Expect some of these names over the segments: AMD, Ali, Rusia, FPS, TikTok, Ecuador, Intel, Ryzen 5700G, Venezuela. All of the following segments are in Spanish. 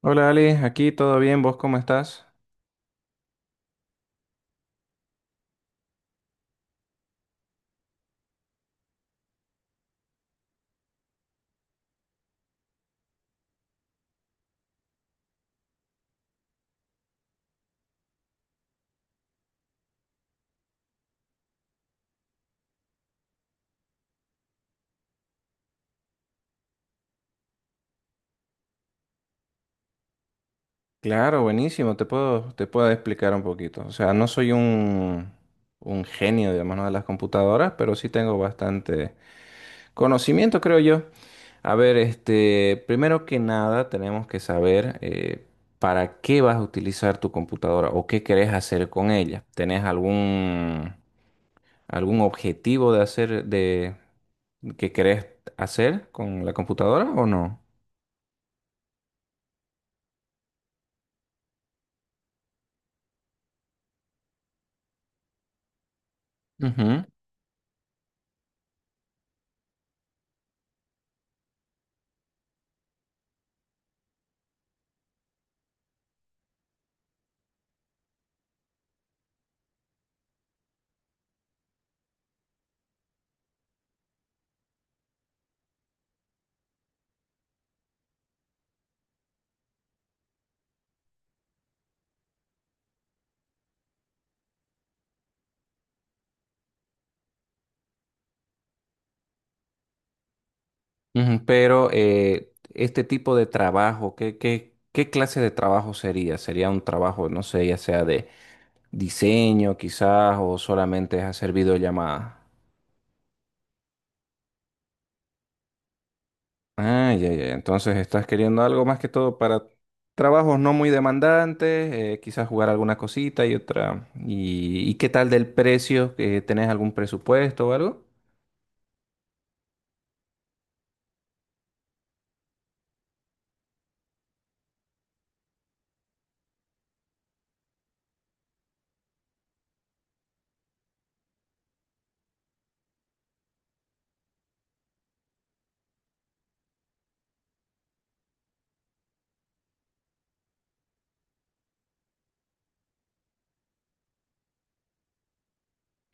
Hola Ali, aquí todo bien, ¿vos cómo estás? Claro, buenísimo, te puedo explicar un poquito. O sea, no soy un genio, digamos, ¿no? de las computadoras, pero sí tengo bastante conocimiento, creo yo. A ver, este, primero que nada tenemos que saber para qué vas a utilizar tu computadora o qué querés hacer con ella. ¿Tenés algún objetivo de hacer, de, que querés hacer con la computadora o no? Ujú. Ujú, pero este tipo de trabajo, ¿qué clase de trabajo sería? ¿Sería un trabajo, no sé, ya sea de diseño quizás o solamente es hacer videollamadas? Ah, ya, ya. Entonces estás queriendo algo más que todo para trabajos no muy demandantes, quizás jugar alguna cosita y otra. ¿Y qué tal del precio? ¿Tenés algún presupuesto o algo?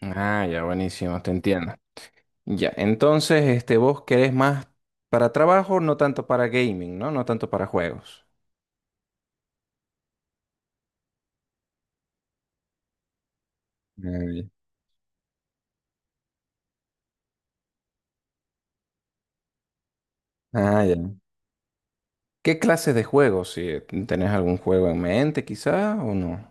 Ah, ya, buenísimo, te entiendo. Ya, entonces, este, vos querés más para trabajo, no tanto para gaming, ¿no? No tanto para juegos. Eh, Ah, ya. ¿Qué clases de juegos? Si tenés algún juego en mente, quizá, o no.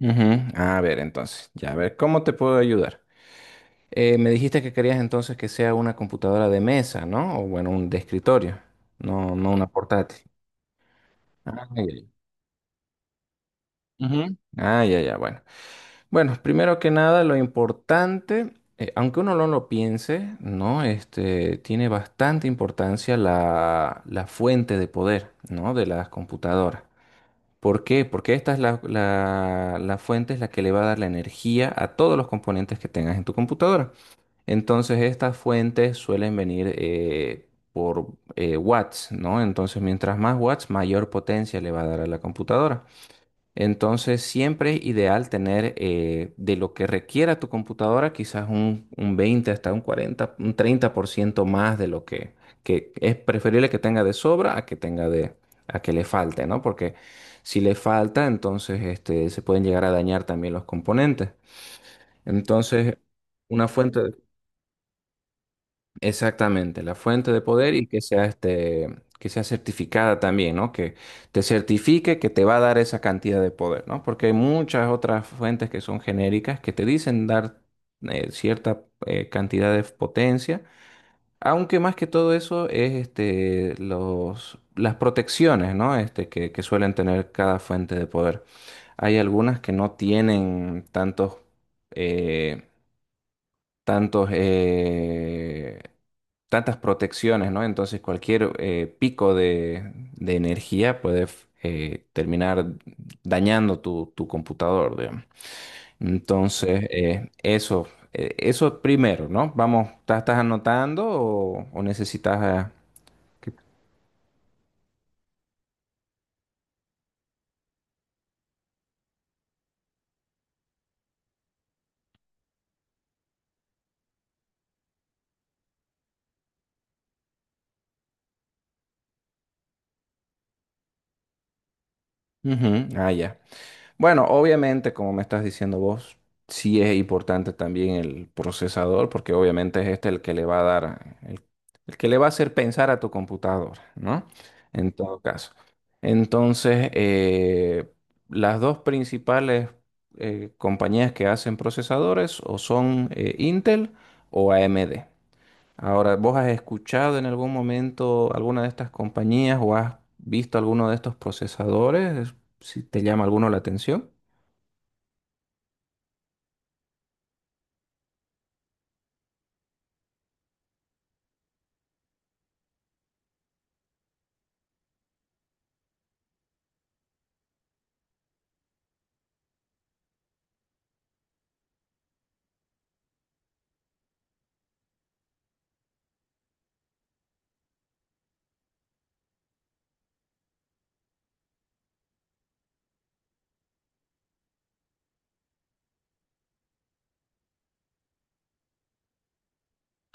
Ujú. Ah, a ver, entonces, ya, a ver, ¿cómo te puedo ayudar? Me dijiste que querías entonces que sea una computadora de mesa, ¿no? O bueno, un de escritorio, no, no una portátil. Ah, ya, ya. Ujú. Ah, ya, ya, bueno. Bueno, primero que nada, lo importante, aunque uno no lo piense, ¿no? Este, tiene bastante importancia la fuente de poder, ¿no? De las computadoras. ¿Por qué? Porque esta es la fuente es la que le va a dar la energía a todos los componentes que tengas en tu computadora. Entonces, estas fuentes suelen venir por watts, ¿no? Entonces, mientras más watts, mayor potencia le va a dar a la computadora. Entonces, siempre es ideal tener de lo que requiera tu computadora, quizás un 20 hasta un 40 un 30% más de lo que es preferible que tenga de sobra a que tenga de, a que le falte, ¿no? Porque si le falta, entonces este, se pueden llegar a dañar también los componentes. Entonces, una fuente, exactamente, la fuente de poder y que sea este, que sea certificada también, ¿no? Que te certifique que te va a dar esa cantidad de poder, ¿no? Porque hay muchas otras fuentes que son genéricas que te dicen dar cierta cantidad de potencia, aunque más que todo eso es este, los, las protecciones, ¿no? Este, que suelen tener cada fuente de poder. Hay algunas que no tienen tantos, eh, tantos, tantas protecciones, ¿no? Entonces cualquier pico de energía puede terminar dañando tu, tu computador, digamos. Entonces, eso, eso primero, ¿no? Vamos, ¿tá- ¿estás anotando o necesitas... que- Ujú, ah, ya. Bueno, obviamente, como me estás diciendo vos, sí es importante también el procesador, porque obviamente es este el que le va a dar, el que le va a hacer pensar a tu computadora, ¿no? En todo caso. Entonces, las dos principales compañías que hacen procesadores o son Intel o AMD. Ahora, ¿vos has escuchado en algún momento alguna de estas compañías o has visto alguno de estos procesadores? Si te llama alguno la atención.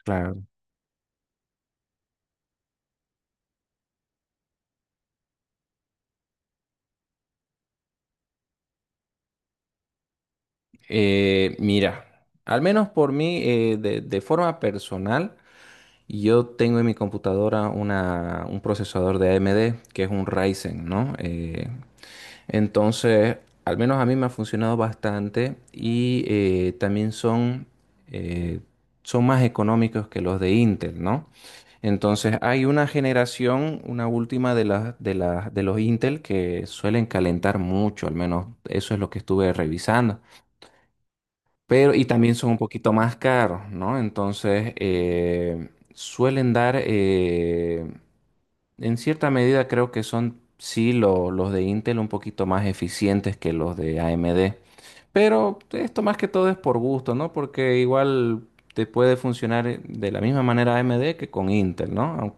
Claro. Mira, al menos por mí, de forma personal, yo tengo en mi computadora una, un procesador de AMD que es un Ryzen, ¿no? Entonces, al menos a mí me ha funcionado bastante y también son, eh, son más económicos que los de Intel, ¿no? Entonces hay una generación, una última de las de los Intel que suelen calentar mucho, al menos eso es lo que estuve revisando. Pero, y también son un poquito más caros, ¿no? Entonces, suelen dar, en cierta medida creo que son, sí, lo- los de Intel un poquito más eficientes que los de AMD. Pero esto más que todo es por gusto, ¿no? Porque igual te puede funcionar de la misma manera AMD que con Intel, ¿no? Au-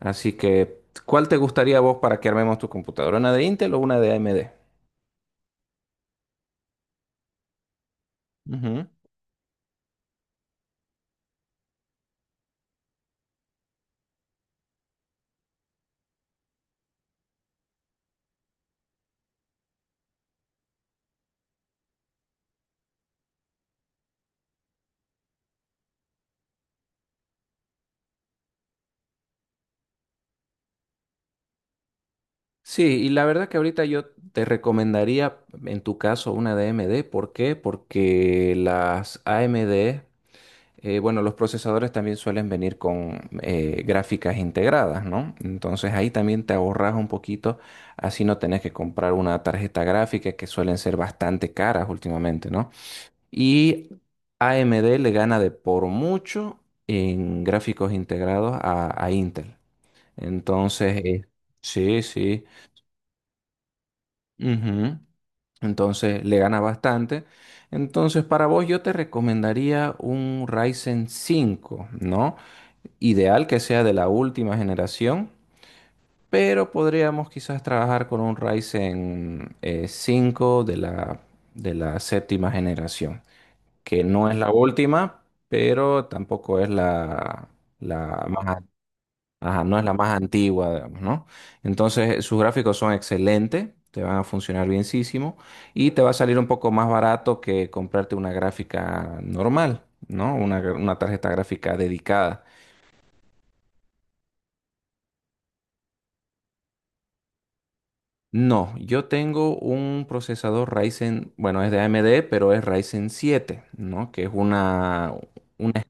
así que, ¿cuál te gustaría a vos para que armemos tu computadora? ¿Una de Intel o una de AMD? Sí, y la verdad que ahorita yo te recomendaría en tu caso una de AMD. ¿Por qué? Porque las AMD, bueno, los procesadores también suelen venir con gráficas integradas, ¿no? Entonces ahí también te ahorras un poquito, así no tenés que comprar una tarjeta gráfica que suelen ser bastante caras últimamente, ¿no? Y AMD le gana de por mucho en gráficos integrados a Intel. Entonces, sí, sí. Ujú. Entonces le gana bastante. Entonces para vos yo te recomendaría un Ryzen 5, ¿no? Ideal que sea de la última generación, pero podríamos quizás trabajar con un Ryzen 5 de la séptima generación, que no es la última, pero tampoco es la, la más ajá, no es la más antigua, digamos, ¿no? Entonces, sus gráficos son excelentes, te van a funcionar bienísimo y te va a salir un poco más barato que comprarte una gráfica normal, ¿no? Una, gra- una tarjeta gráfica dedicada. No, yo tengo un procesador Ryzen, bueno, es de AMD, pero es Ryzen 7, ¿no? Que es una,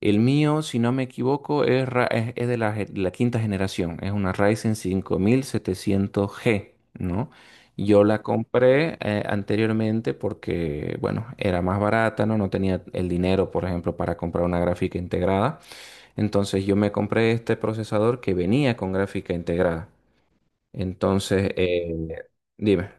el mío, si no me equivoco, es, ra- es de la, ge- la quinta generación. Es una Ryzen 5700G, ¿no? Yo la compré anteriormente porque, bueno, era más barata, ¿no? No tenía el dinero, por ejemplo, para comprar una gráfica integrada. Entonces yo me compré este procesador que venía con gráfica integrada. Entonces, dime.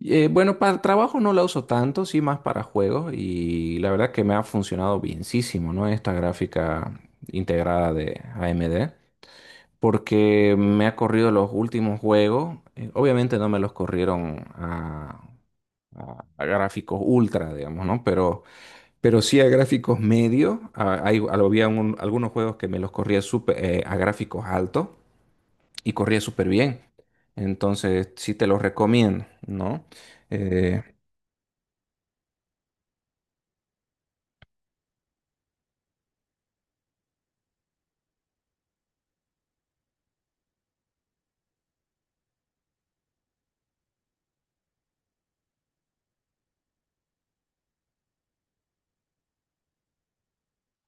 Bueno, para trabajo no la uso tanto, sí más para juegos y la verdad que me ha funcionado bienísimo, ¿no? Esta gráfica integrada de AMD, porque me ha corrido los últimos juegos, obviamente no me los corrieron a gráficos ultra, digamos, ¿no? Pero sí a gráficos medios, hay, había un- algunos juegos que me los corría súper, a gráficos altos y corría súper bien, entonces sí te los recomiendo, ¿no? Eh,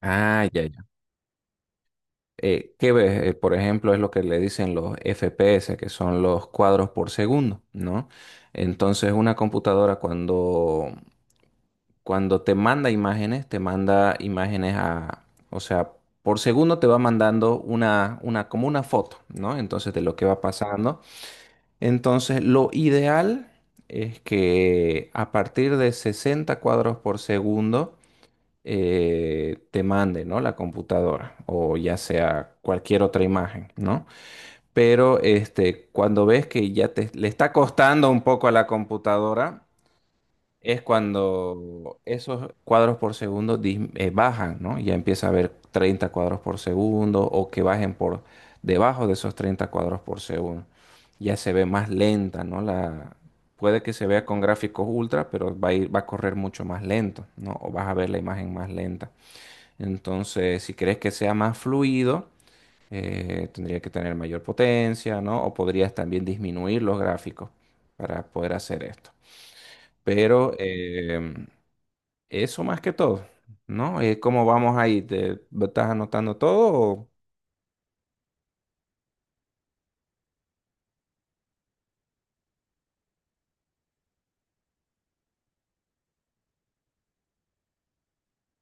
ah, ya, ya. ¿Qué ves? Por ejemplo, es lo que le dicen los FPS, que son los cuadros por segundo, ¿no? Entonces, una computadora cuando, cuando te manda imágenes a, o sea, por segundo te va mandando una, como una foto, ¿no? Entonces, de lo que va pasando. Entonces, lo ideal es que a partir de 60 cuadros por segundo, te mande, ¿no? La computadora o ya sea cualquier otra imagen, ¿no? Pero este, cuando ves que ya te, le está costando un poco a la computadora, es cuando esos cuadros por segundo dis- bajan, ¿no? Ya empieza a ver 30 cuadros por segundo o que bajen por debajo de esos 30 cuadros por segundo. Ya se ve más lenta, ¿no? La, puede que se vea con gráficos ultra, pero va a ir- va a correr mucho más lento, ¿no? O vas a ver la imagen más lenta. Entonces, si quieres que sea más fluido, tendría que tener mayor potencia, ¿no? O podrías también disminuir los gráficos para poder hacer esto. Pero em, eso más que todo, ¿no? ¿Cómo vamos ahí? ¿Te estás anotando todo? O-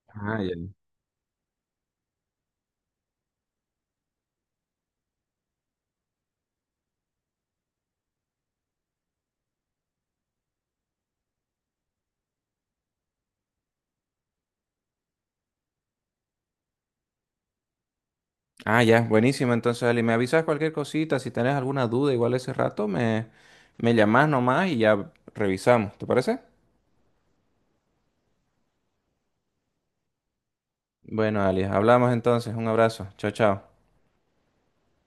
ah, ya. Ah, ya, buenísimo. Entonces, Ali, me avisas cualquier cosita. Si tenés alguna duda, igual ese rato, me llamás nomás y ya revisamos. ¿Te parece? Bueno, Ali, hablamos entonces. Un abrazo. Chao, chao.